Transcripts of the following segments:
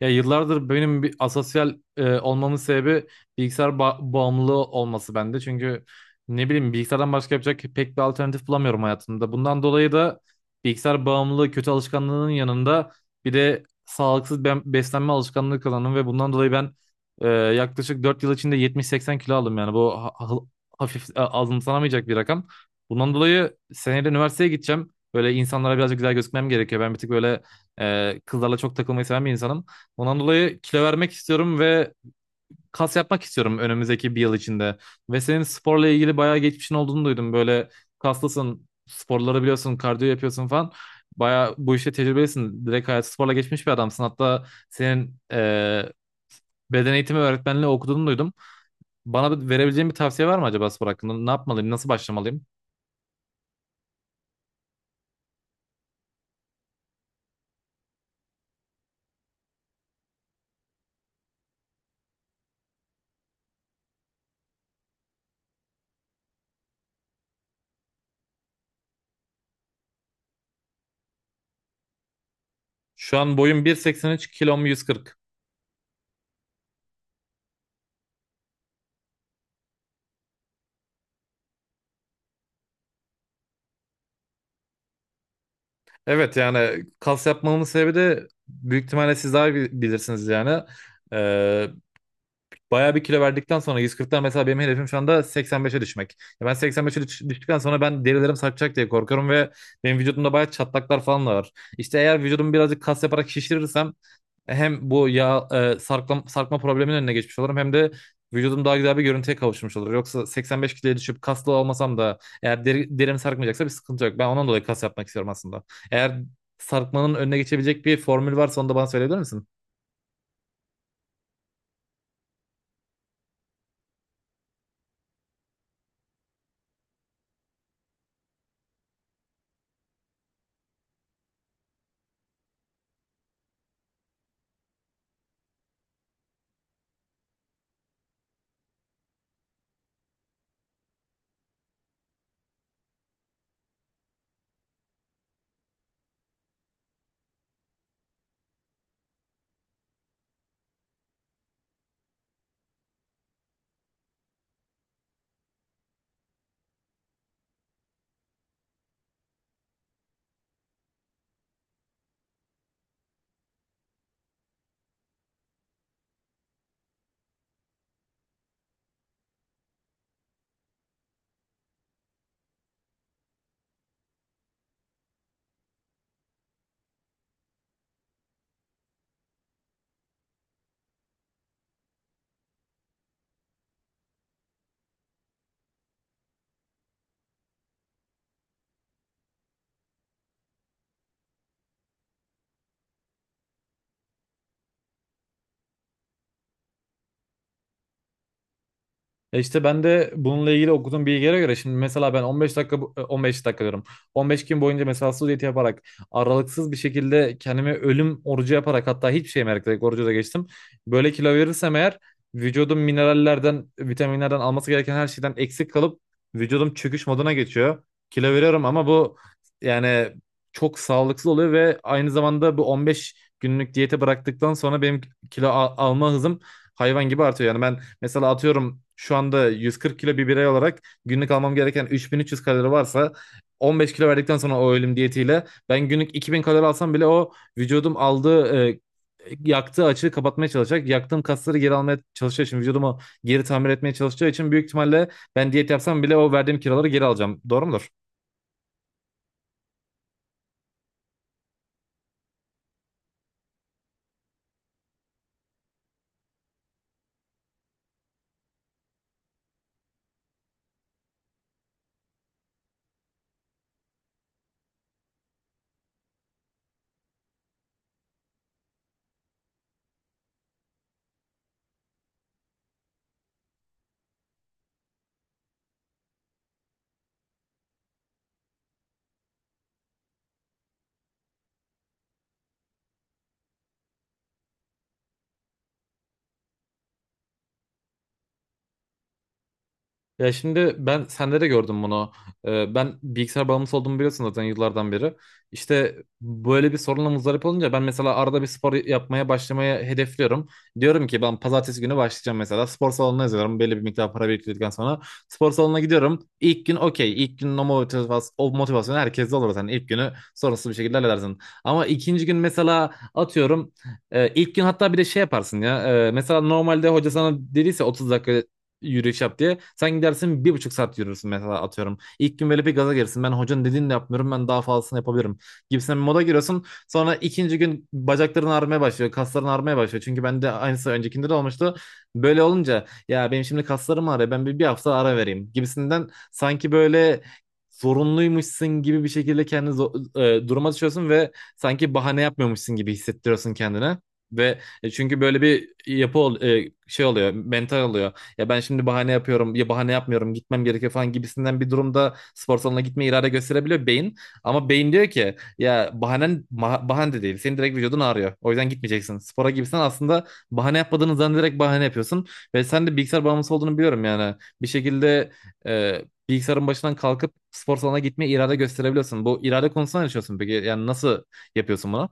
Ya yıllardır benim bir asosyal olmamın sebebi bilgisayar bağımlılığı olması bende. Çünkü ne bileyim bilgisayardan başka yapacak pek bir alternatif bulamıyorum hayatımda. Bundan dolayı da bilgisayar bağımlılığı kötü alışkanlığının yanında bir de sağlıksız beslenme alışkanlığı kazandım ve bundan dolayı ben yaklaşık 4 yıl içinde 70-80 kilo aldım yani. Bu hafif, azımsanamayacak bir rakam. Bundan dolayı seneye de üniversiteye gideceğim. Böyle insanlara birazcık güzel gözükmem gerekiyor. Ben bir tık böyle kızlarla çok takılmayı seven bir insanım. Ondan dolayı kilo vermek istiyorum ve kas yapmak istiyorum önümüzdeki bir yıl içinde. Ve senin sporla ilgili bayağı geçmişin olduğunu duydum. Böyle kaslısın, sporları biliyorsun, kardiyo yapıyorsun falan. Bayağı bu işte tecrübelisin. Direkt hayatı sporla geçmiş bir adamsın. Hatta senin beden eğitimi öğretmenliği okuduğunu duydum. Bana verebileceğin bir tavsiye var mı acaba spor hakkında? Ne yapmalıyım, nasıl başlamalıyım? Şu an boyum 1,83, kilom 140. Evet, yani kas yapmamın sebebi de büyük ihtimalle siz daha bilirsiniz yani. Ee, Bayağı bir kilo verdikten sonra 140'tan mesela benim hedefim şu anda 85'e düşmek. Ya ben 85'e düştükten sonra ben derilerim sarkacak diye korkuyorum ve benim vücudumda bayağı çatlaklar falan da var. İşte eğer vücudumu birazcık kas yaparak şişirirsem hem bu yağ sarkma probleminin önüne geçmiş olurum hem de vücudum daha güzel bir görüntüye kavuşmuş olur. Yoksa 85 kiloya düşüp kaslı olmasam da eğer derim sarkmayacaksa bir sıkıntı yok. Ben ondan dolayı kas yapmak istiyorum aslında. Eğer sarkmanın önüne geçebilecek bir formül varsa onu da bana söyleyebilir misin? Ya işte ben de bununla ilgili okuduğum bilgilere göre şimdi mesela ben 15 dakika 15 dakika diyorum. 15 gün boyunca mesela diyet yaparak aralıksız bir şekilde kendime ölüm orucu yaparak hatta hiçbir şey yemek, direkt orucu da geçtim. Böyle kilo verirsem eğer vücudum minerallerden, vitaminlerden, alması gereken her şeyden eksik kalıp vücudum çöküş moduna geçiyor. Kilo veriyorum ama bu yani çok sağlıksız oluyor ve aynı zamanda bu 15 günlük diyete bıraktıktan sonra benim kilo alma hızım hayvan gibi artıyor. Yani ben mesela atıyorum şu anda 140 kilo bir birey olarak günlük almam gereken 3.300 kalori varsa 15 kilo verdikten sonra o ölüm diyetiyle ben günlük 2000 kalori alsam bile o vücudum aldığı yaktığı açığı kapatmaya çalışacak. Yaktığım kasları geri almaya çalışacağı için, vücudumu geri tamir etmeye çalışacağı için büyük ihtimalle ben diyet yapsam bile o verdiğim kiloları geri alacağım. Doğru mudur? Ya şimdi ben sende de gördüm bunu. Ben bilgisayar bağımlısı olduğumu biliyorsun zaten yıllardan beri. İşte böyle bir sorunla muzdarip olunca ben mesela arada bir spor yapmaya başlamaya hedefliyorum. Diyorum ki ben pazartesi günü başlayacağım mesela. Spor salonuna yazıyorum. Belli bir miktar para biriktirdikten sonra spor salonuna gidiyorum. İlk gün okey. İlk günün o motivasyon herkeste olur zaten. İlk günü sorunsuz bir şekilde halledersin. Ama ikinci gün mesela atıyorum. İlk gün hatta bir de şey yaparsın ya. Mesela normalde hoca sana dediyse 30 dakika yürüyüş yap diye. Sen gidersin 1,5 saat yürürsün mesela atıyorum. İlk gün böyle bir gaza gelirsin. Ben hocanın dediğini de yapmıyorum. Ben daha fazlasını yapabilirim. Gibisinden bir moda giriyorsun. Sonra ikinci gün bacakların ağrımaya başlıyor. Kasların ağrımaya başlıyor. Çünkü bende aynısı öncekinde de olmuştu. Böyle olunca ya benim şimdi kaslarım ağrıyor. Ben bir hafta ara vereyim gibisinden sanki böyle zorunluymuşsun gibi bir şekilde kendini duruma düşüyorsun ve sanki bahane yapmıyormuşsun gibi hissettiriyorsun kendine. Ve çünkü böyle bir yapı şey oluyor, mental oluyor, ya ben şimdi bahane yapıyorum ya bahane yapmıyorum gitmem gerekiyor falan gibisinden bir durumda spor salonuna gitme irade gösterebiliyor beyin. Ama beyin diyor ki ya bahanen bahane de değil. Senin direkt vücudun ağrıyor. O yüzden gitmeyeceksin spora, gibisinden aslında bahane yapmadığını zannederek bahane yapıyorsun. Ve sen de bilgisayar bağımlısı olduğunu biliyorum yani. Bir şekilde e, bilgisayarın başından kalkıp spor salonuna gitmeye irade gösterebiliyorsun. Bu irade konusunda ne düşünüyorsun peki? Yani nasıl yapıyorsun bunu?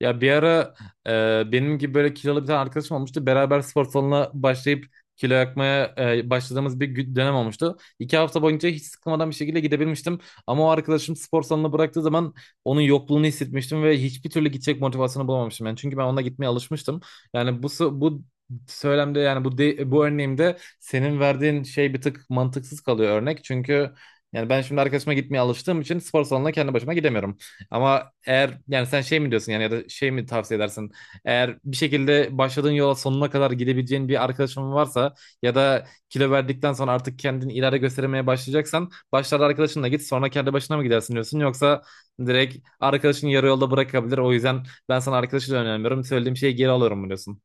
Ya bir ara benim gibi böyle kilolu bir tane arkadaşım olmuştu. Beraber spor salonuna başlayıp kilo yakmaya başladığımız bir dönem olmuştu. 2 hafta boyunca hiç sıkılmadan bir şekilde gidebilmiştim. Ama o arkadaşım spor salonuna bıraktığı zaman onun yokluğunu hissetmiştim ve hiçbir türlü gidecek motivasyonu bulamamıştım. Yani çünkü ben onunla gitmeye alışmıştım. Yani bu söylemde, yani bu örneğimde senin verdiğin şey bir tık mantıksız kalıyor örnek. Çünkü yani ben şimdi arkadaşıma gitmeye alıştığım için spor salonuna kendi başıma gidemiyorum. Ama eğer, yani sen şey mi diyorsun yani, ya da şey mi tavsiye edersin? Eğer bir şekilde başladığın yola sonuna kadar gidebileceğin bir arkadaşın varsa ya da kilo verdikten sonra artık kendini ileride gösteremeye başlayacaksan başlarda arkadaşınla git sonra kendi başına mı gidersin diyorsun, yoksa direkt arkadaşın yarı yolda bırakabilir o yüzden ben sana arkadaşı da önermiyorum, söylediğim şeyi geri alıyorum mu diyorsun?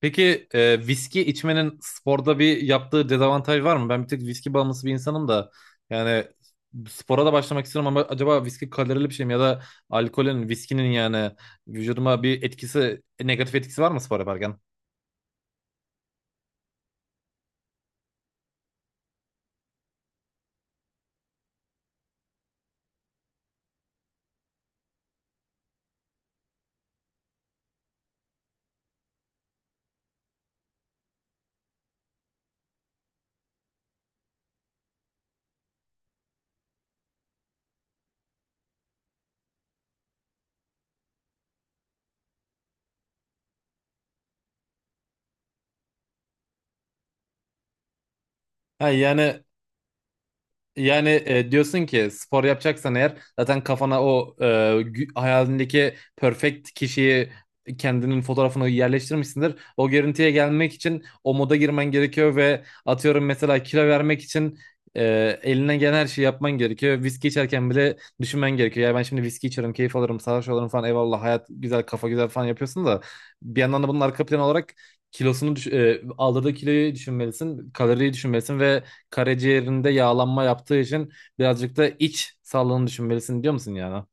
Peki, viski içmenin sporda bir yaptığı dezavantaj var mı? Ben bir tek viski bağımlısı bir insanım da, yani spora da başlamak istiyorum ama acaba viski kalorili bir şey mi, ya da alkolün, viskinin yani vücuduma bir etkisi, negatif etkisi var mı spor yaparken? Ha, yani, diyorsun ki spor yapacaksan eğer zaten kafana o hayalindeki perfect kişiyi, kendinin fotoğrafını yerleştirmişsindir. O görüntüye gelmek için o moda girmen gerekiyor ve atıyorum mesela kilo vermek için eline gelen her şeyi yapman gerekiyor. Viski içerken bile düşünmen gerekiyor. Ya ben şimdi viski içerim, keyif alırım, sarhoş olurum falan eyvallah, hayat güzel, kafa güzel falan yapıyorsun da bir yandan da bunun arka planı olarak kilosunu aldırdığı kiloyu düşünmelisin, kaloriyi düşünmelisin ve karaciğerinde yağlanma yaptığı için birazcık da iç sağlığını düşünmelisin diyor musun yani?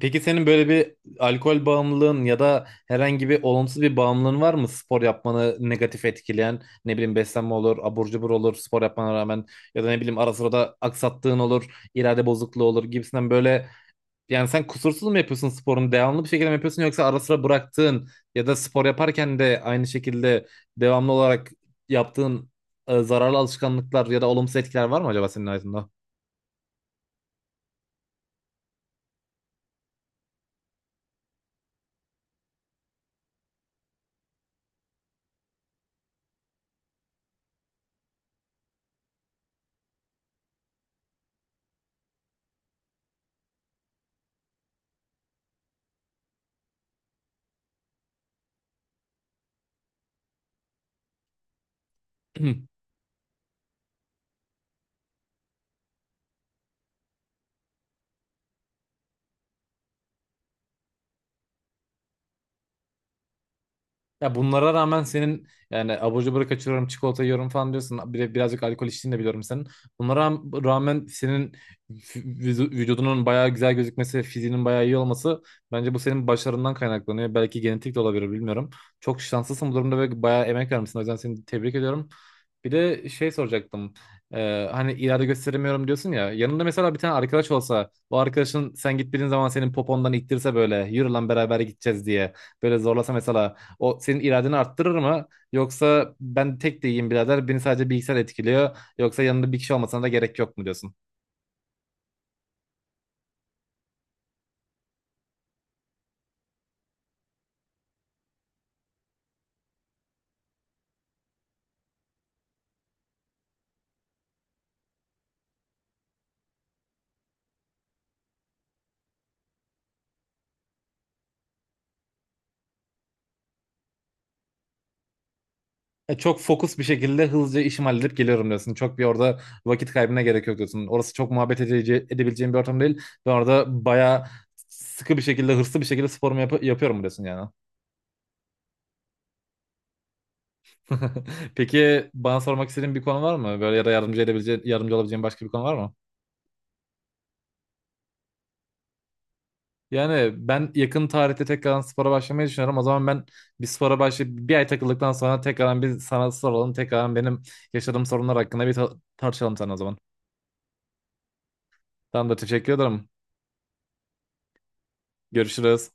Peki senin böyle bir alkol bağımlılığın ya da herhangi bir olumsuz bir bağımlılığın var mı? Spor yapmanı negatif etkileyen, ne bileyim, beslenme olur, abur cubur olur spor yapmana rağmen, ya da ne bileyim ara sıra da aksattığın olur, irade bozukluğu olur gibisinden böyle. Yani sen kusursuz mu yapıyorsun sporunu? Devamlı bir şekilde mi yapıyorsun yoksa ara sıra bıraktığın ya da spor yaparken de aynı şekilde devamlı olarak yaptığın zararlı alışkanlıklar ya da olumsuz etkiler var mı acaba senin hayatında? Ya bunlara rağmen senin, yani abur cubur kaçırıyorum, çikolata yiyorum falan diyorsun. Bir de birazcık alkol içtiğini de biliyorum senin. Bunlara rağmen senin vücudunun bayağı güzel gözükmesi, fiziğinin bayağı iyi olması bence bu senin başarından kaynaklanıyor. Belki genetik de olabilir, bilmiyorum. Çok şanslısın bu durumda ve bayağı emek vermişsin. O yüzden seni tebrik ediyorum. Bir de şey soracaktım. Hani irade gösteremiyorum diyorsun ya. Yanında mesela bir tane arkadaş olsa, o arkadaşın sen gittiğin zaman senin popondan ittirse böyle, yürü lan beraber gideceğiz diye. Böyle zorlasa mesela o senin iradeni arttırır mı? Yoksa ben tek de iyiyim birader. Beni sadece bilgisayar etkiliyor. Yoksa yanında bir kişi olmasına da gerek yok mu diyorsun? Çok fokus bir şekilde hızlıca işimi halledip geliyorum diyorsun. Çok bir orada vakit kaybına gerek yok diyorsun. Orası çok muhabbet edebileceğim bir ortam değil. Ben orada bayağı sıkı bir şekilde, hırslı bir şekilde sporumu yapıyorum diyorsun yani. Peki bana sormak istediğin bir konu var mı? Böyle ya da yardımcı edebileceğin, yardımcı olabileceğin başka bir konu var mı? Yani ben yakın tarihte tekrardan spora başlamayı düşünüyorum. O zaman ben bir spora başlayıp bir ay takıldıktan sonra tekrardan bir sana soralım. Tekrardan benim yaşadığım sorunlar hakkında bir tartışalım sana o zaman. Tamamdır, teşekkür ederim. Görüşürüz.